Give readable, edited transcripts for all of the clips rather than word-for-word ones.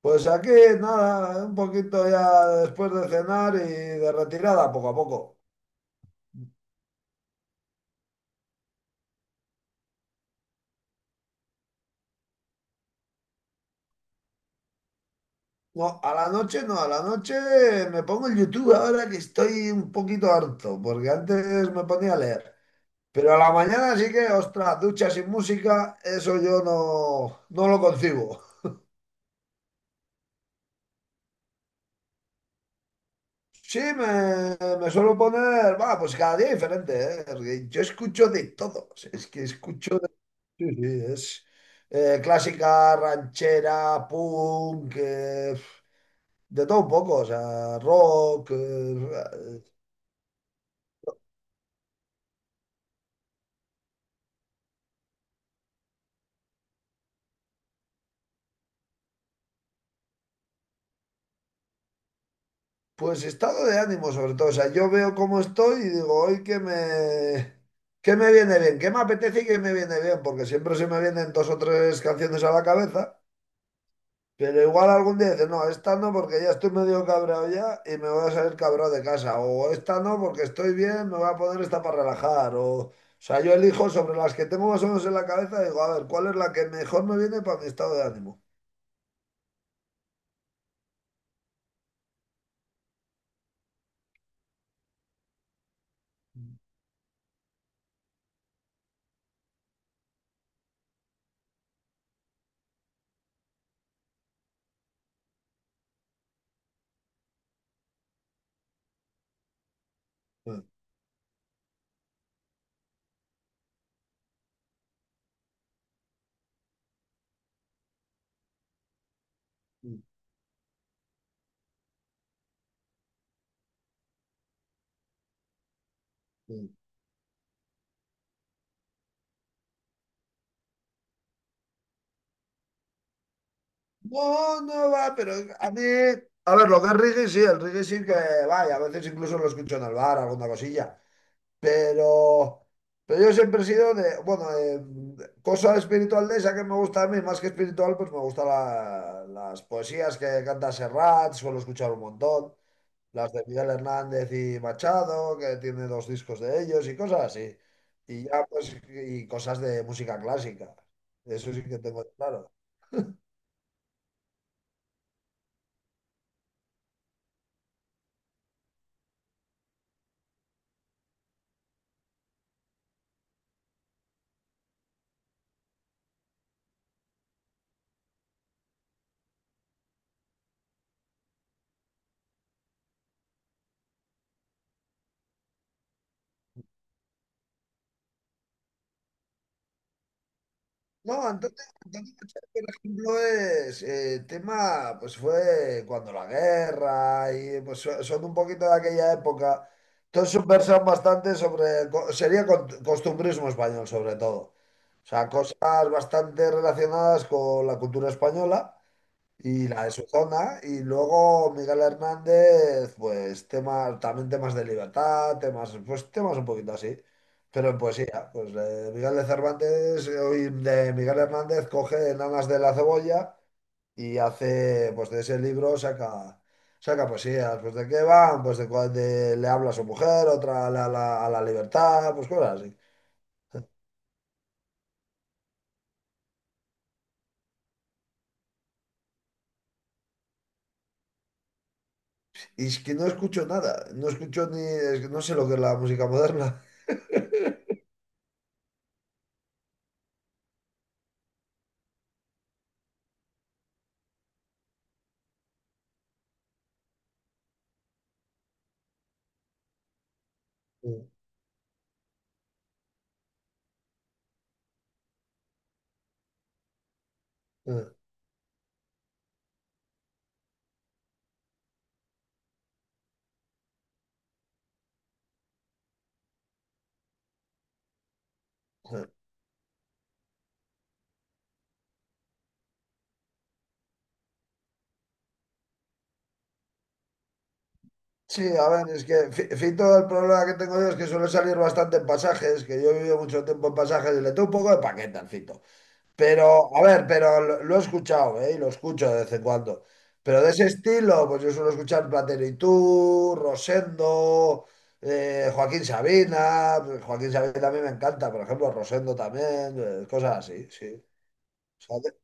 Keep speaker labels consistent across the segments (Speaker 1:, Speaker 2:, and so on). Speaker 1: Pues aquí, nada, un poquito ya después de cenar y de retirada, poco a poco. No, a la noche no, a la noche me pongo el YouTube ahora que estoy un poquito harto, porque antes me ponía a leer. Pero a la mañana sí que, ostras, ducha sin música, eso yo no, no lo concibo. Sí, me suelo poner, va, pues cada día diferente, ¿eh? Porque yo escucho de todo, o sea, es que escucho de. Sí, sí, es clásica, ranchera, punk, de todo un poco, o sea, rock. Pues estado de ánimo sobre todo. O sea, yo veo cómo estoy y digo, hoy que me viene bien, qué me apetece y qué me viene bien, porque siempre se me vienen dos o tres canciones a la cabeza, pero igual algún día dices, no, esta no porque ya estoy medio cabreado ya y me voy a salir cabreado de casa, o esta no porque estoy bien, me voy a poner esta para relajar, o sea, yo elijo sobre las que tengo más o menos en la cabeza, digo, a ver, ¿cuál es la que mejor me viene para mi estado de ánimo? Mm, mm, mm. No, no va, pero a mí. A ver, lo que es reggae sí, el reggae sí que vaya, a veces incluso lo escucho en el bar, alguna cosilla. Pero, pero yo siempre he sido de, bueno, de cosa espiritual de esa que me gusta a mí, más que espiritual, pues me gustan las poesías que canta Serrat, suelo escuchar un montón, las de Miguel Hernández y Machado, que tiene dos discos de ellos y cosas así. Y ya, pues, y cosas de música clásica. Eso sí que tengo claro. No, entonces, por ejemplo, es tema, pues fue cuando la guerra y pues son un poquito de aquella época. Entonces subversan bastante sobre, sería costumbrismo español sobre todo. O sea, cosas bastante relacionadas con la cultura española. Y la de su zona, y luego Miguel Hernández, pues temas, también temas de libertad, temas, pues temas un poquito así, pero en poesía, pues de Miguel de Cervantes, hoy de Miguel Hernández coge Enanas de la Cebolla y hace, pues de ese libro saca, saca poesías, pues de qué van, pues de cuál le habla a su mujer, otra a la, a la libertad, pues cosas así. Y es que no escucho nada, no escucho ni, es que no sé lo que es la música moderna. Sí, sí, sí. Sí, a ver, es que Fito, el problema que tengo yo es que suele salir bastante en pasajes, que yo he vivido mucho tiempo en pasajes y le tengo un poco de paquete al Fito. Pero, a ver, pero lo he escuchado, ¿eh? Y lo escucho de vez en cuando. Pero de ese estilo, pues yo suelo escuchar Platero y tú, Rosendo, Joaquín Sabina. Pues Joaquín Sabina a mí me encanta, por ejemplo, Rosendo también, cosas así, sí. O sea,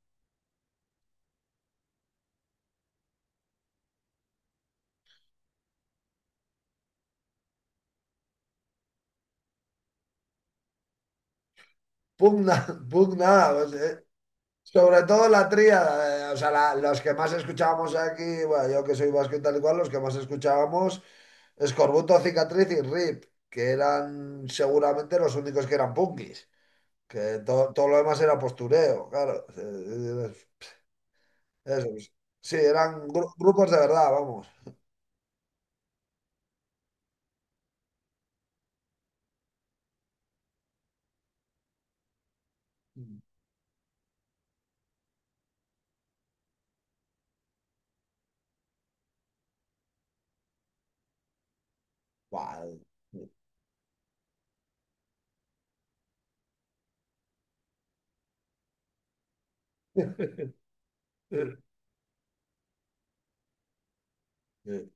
Speaker 1: pugna, pugna, pues, sobre todo la tríada, o sea, los que más escuchábamos aquí, bueno, yo que soy vasco y tal y cual, los que más escuchábamos, Escorbuto, Cicatriz y RIP, que eran seguramente los únicos que eran punkis, que todo lo demás era postureo, claro. Eso, pues. Sí, eran grupos de verdad, vamos. Buah, eh, eh, eh.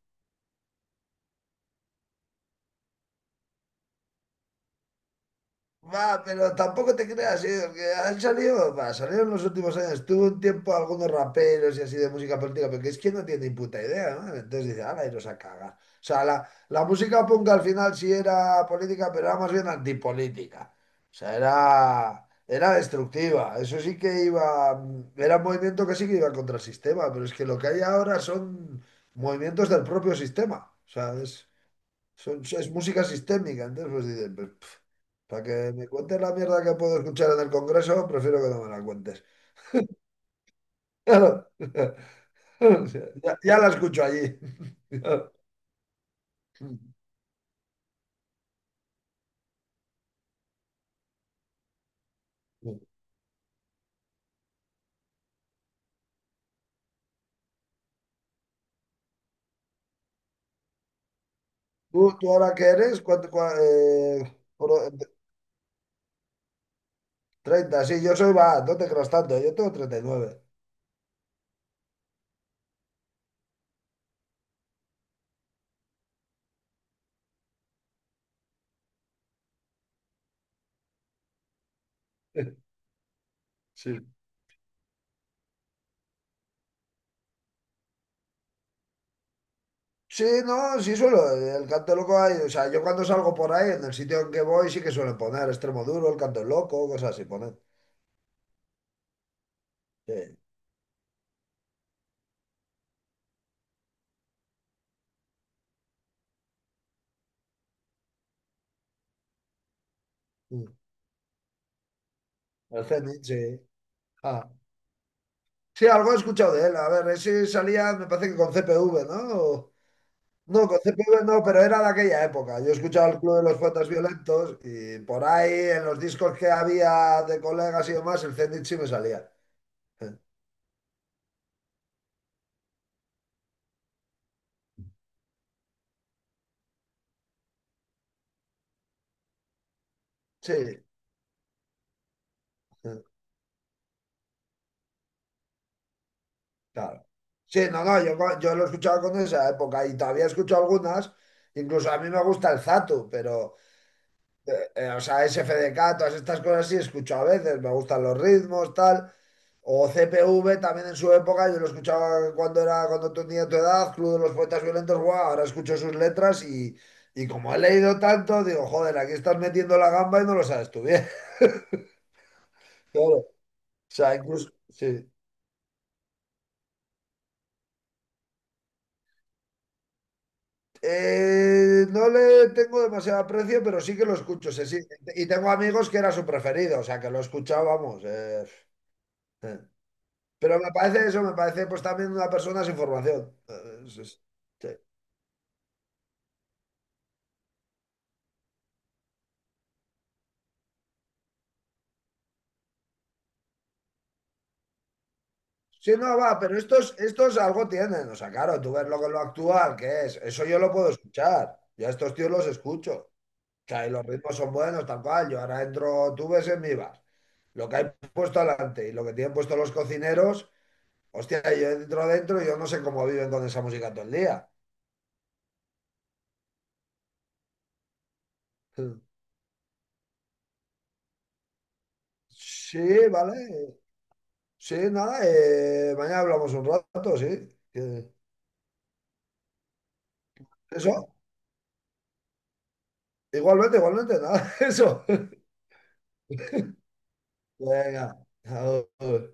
Speaker 1: Va, pero tampoco te creas, ¿eh? Porque han salido, va, salieron en los últimos años. Tuvo un tiempo algunos raperos y así de música política, pero que es que no tiene ni puta idea, ¿no? Entonces dice, ala, iros a cagar. O sea, la música punk al final sí era política, pero era más bien antipolítica. O sea, era destructiva. Eso sí que iba, era un movimiento que sí que iba contra el sistema, pero es que lo que hay ahora son movimientos del propio sistema. O sea, es música sistémica. Entonces, pues dicen, pues. Para que me cuentes la mierda que puedo escuchar en el Congreso, prefiero que no me la cuentes. Claro. O sea, ya, ya la escucho allí. ¿Tú ahora qué eres? 30, sí, yo soy va, no te creas tanto, yo tengo 39. Sí. Sí, no, sí suelo, el canto loco hay, o sea, yo cuando salgo por ahí, en el sitio en que voy, sí que suelen poner extremo duro, el canto loco, cosas así, ponen. Sí. Mm. El Zenit, sí. Ah. Sí, algo he escuchado de él. A ver, ese salía, me parece que con CPV, ¿no? O- No, con CPV no, pero era de aquella época. Yo he escuchado el Club de los Poetas Violentos y por ahí en los discos que había de colegas y demás, el Zenit sí me salía. Sí, sí, claro. Sí, no, no, yo lo he escuchado con esa época y todavía escucho algunas. Incluso a mí me gusta el Zatu, pero, o sea, SFDK, todas estas cosas sí escucho a veces. Me gustan los ritmos, tal. O CPV también en su época, yo lo escuchaba cuando era, cuando tenía tu edad, Club de los Poetas Violentos, guau, ahora escucho sus letras y como he leído tanto, digo, joder, aquí estás metiendo la gamba y no lo sabes tú bien. Claro. O sea, incluso, sí. No le tengo demasiado aprecio, pero sí que lo escucho, sí, sí. Y tengo amigos que era su preferido, o sea, que lo escuchábamos. Eh. Pero me parece eso, me parece pues también una persona sin formación. Sí, sí. Sí, no, va, pero estos algo tienen. O sea, claro, tú ves lo que lo actual, que es. Eso yo lo puedo escuchar. Yo a estos tíos los escucho. O sea, y los ritmos son buenos, tal cual. Yo ahora entro, tú ves en mi bar. Lo que hay puesto adelante y lo que tienen puesto los cocineros, hostia, yo entro dentro y yo no sé cómo viven con esa música todo el día. Sí, vale. Sí, nada, mañana hablamos un rato, sí. Eh, eso, igualmente, igualmente, nada, eso. Venga, adiós.